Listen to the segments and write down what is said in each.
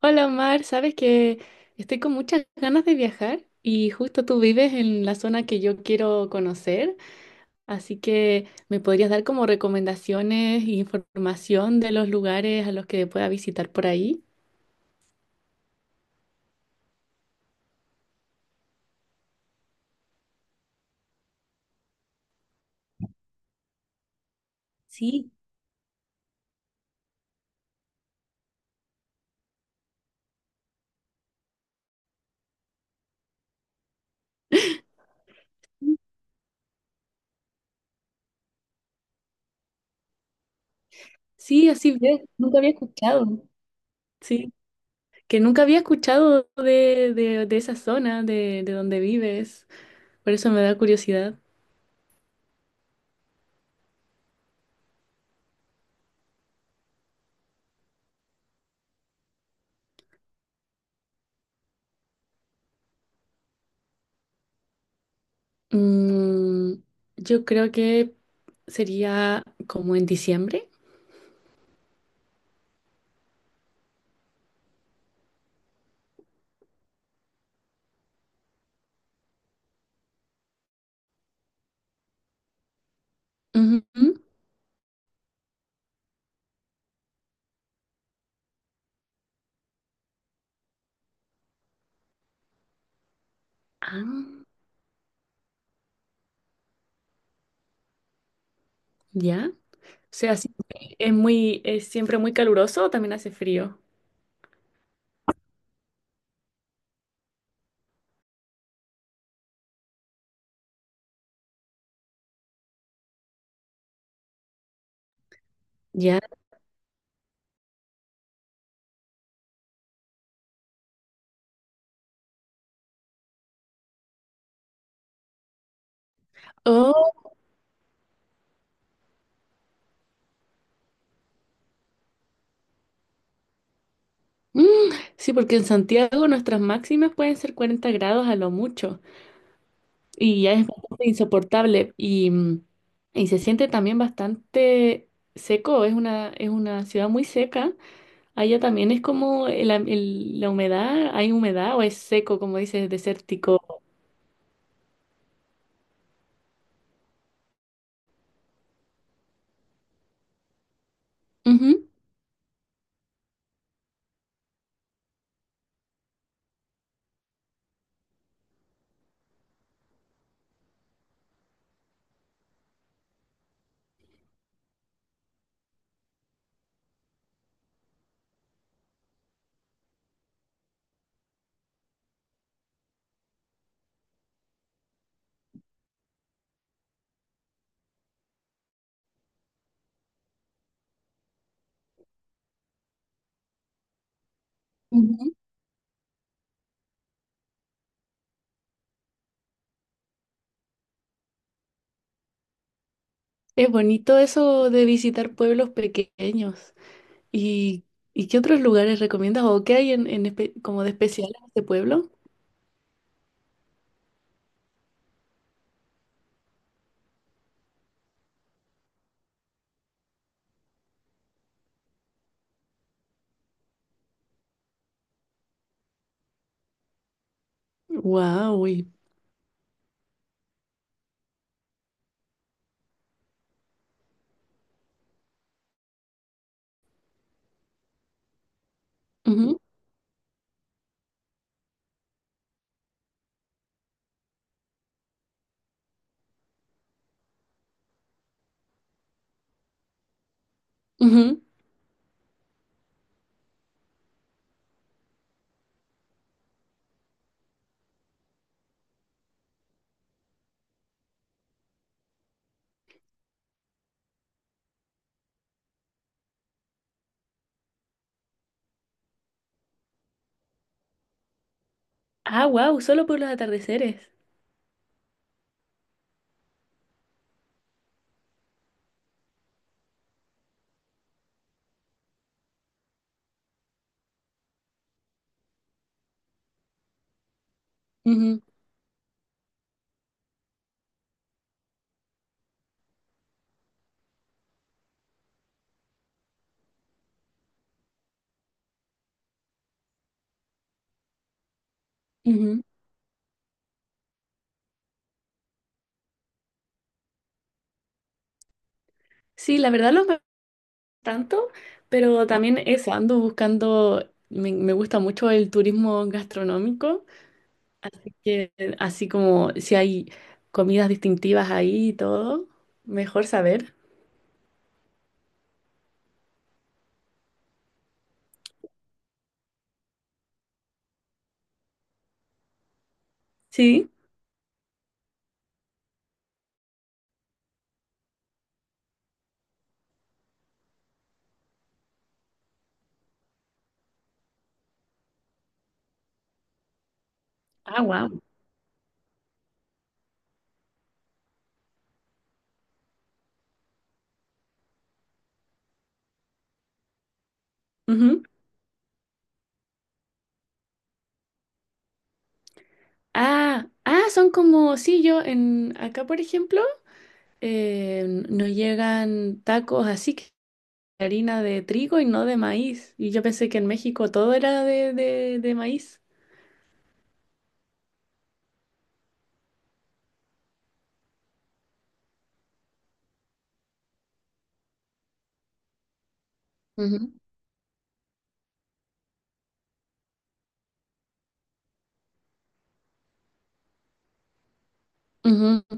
Hola Omar, sabes que estoy con muchas ganas de viajar y justo tú vives en la zona que yo quiero conocer, así que me podrías dar como recomendaciones e información de los lugares a los que pueda visitar por ahí. Sí, sí, así ves, nunca había escuchado. Sí, que nunca había escuchado de esa zona, de donde vives, por eso me da curiosidad. Mm, yo creo que sería como en diciembre. Ujú. Ah, ya. O sea, sí, es siempre muy caluroso o también hace frío. Ya. Oh, mm, sí, porque en Santiago nuestras máximas pueden ser 40 grados a lo mucho y ya es bastante insoportable y se siente también bastante seco, es una ciudad muy seca. Allá también es como la humedad, hay humedad o es seco, como dices, desértico. Ujú, ujú. Es bonito eso de visitar pueblos pequeños. ¿Y, y qué otros lugares recomiendas o qué hay como de especial en este pueblo? Wow. Ah, wow, solo por los atardeceres. Ujú, ujú. Sí, la verdad los veo tanto, pero también eso, ando buscando, me gusta mucho el turismo gastronómico, así que así como si hay comidas distintivas ahí y todo, mejor saber. Sí. Ah, wow. Ah, ah, son como, sí, yo en acá, por ejemplo, nos llegan tacos así que harina de trigo y no de maíz. Y yo pensé que en México todo era de maíz. Ujú. Ujú.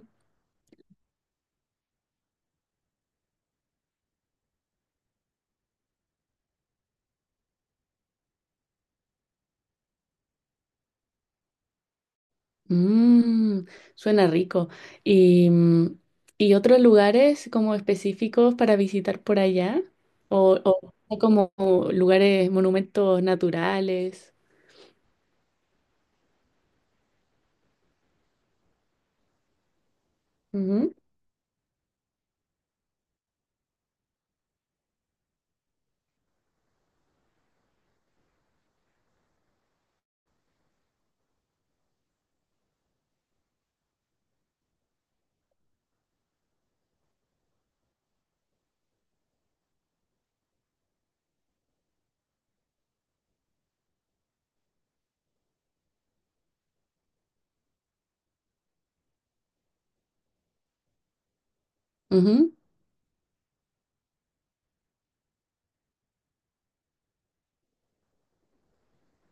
Mm, Suena rico. Y, mm, ¿Y otros lugares como específicos para visitar por allá? O, o como lugares, monumentos naturales. Ujú, ujú.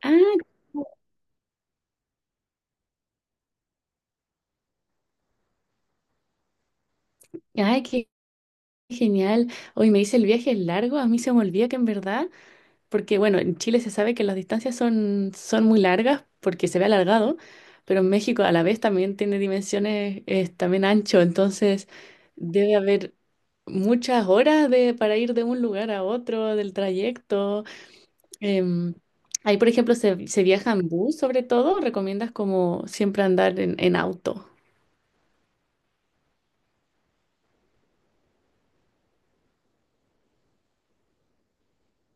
Ah, ay, qué genial. Hoy me dice el viaje es largo. A mí se me olvida que en verdad, porque bueno, en Chile se sabe que las distancias son muy largas porque se ve alargado, pero en México a la vez también tiene dimensiones, es también ancho, entonces debe haber muchas horas de, para ir de un lugar a otro, del trayecto. Em, Ahí, por ejemplo, se viaja en bus sobre todo. ¿Recomiendas como siempre andar en auto?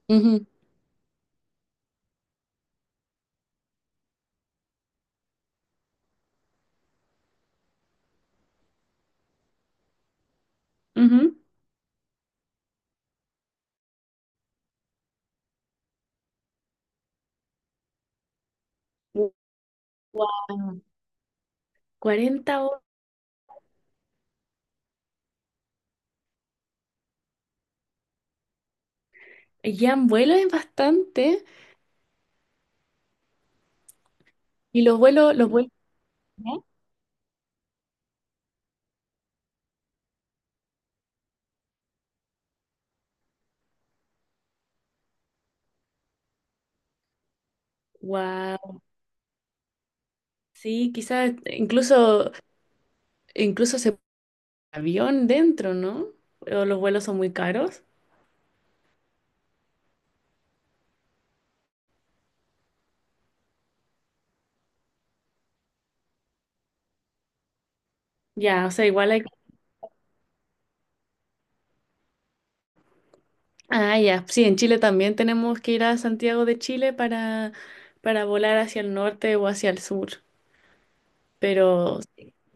Ujú, ujú. Guau, 40 horas. Ya en vuelo es bastante. Y los vuelos, los vuelos. Wow. Sí, quizás incluso se pone avión dentro, ¿no? O los vuelos son muy caros. Ya, o sea, igual hay. Ah, ya. Sí, en Chile también tenemos que ir a Santiago de Chile para volar hacia el norte o hacia el sur. Pero,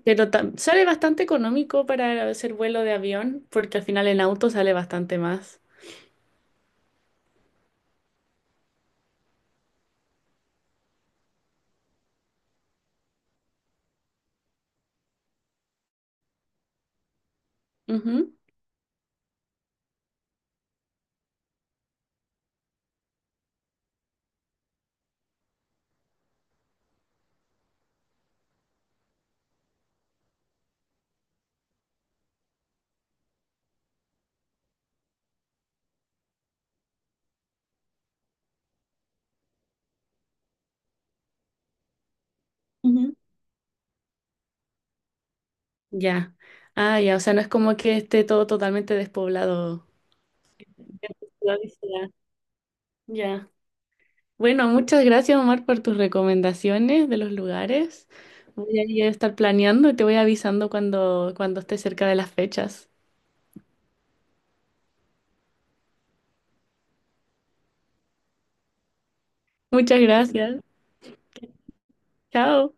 pero sale bastante económico para hacer vuelo de avión, porque al final en auto sale bastante más. Ujú. Ujú. Ya. Ah, ya, o sea, no es como que esté todo totalmente despoblado. Lo dice. Ya. Ya. Bueno, muchas gracias, Omar, por tus recomendaciones de los lugares. Voy a ir a estar planeando y te voy avisando cuando esté cerca de las fechas. Muchas gracias. Chao.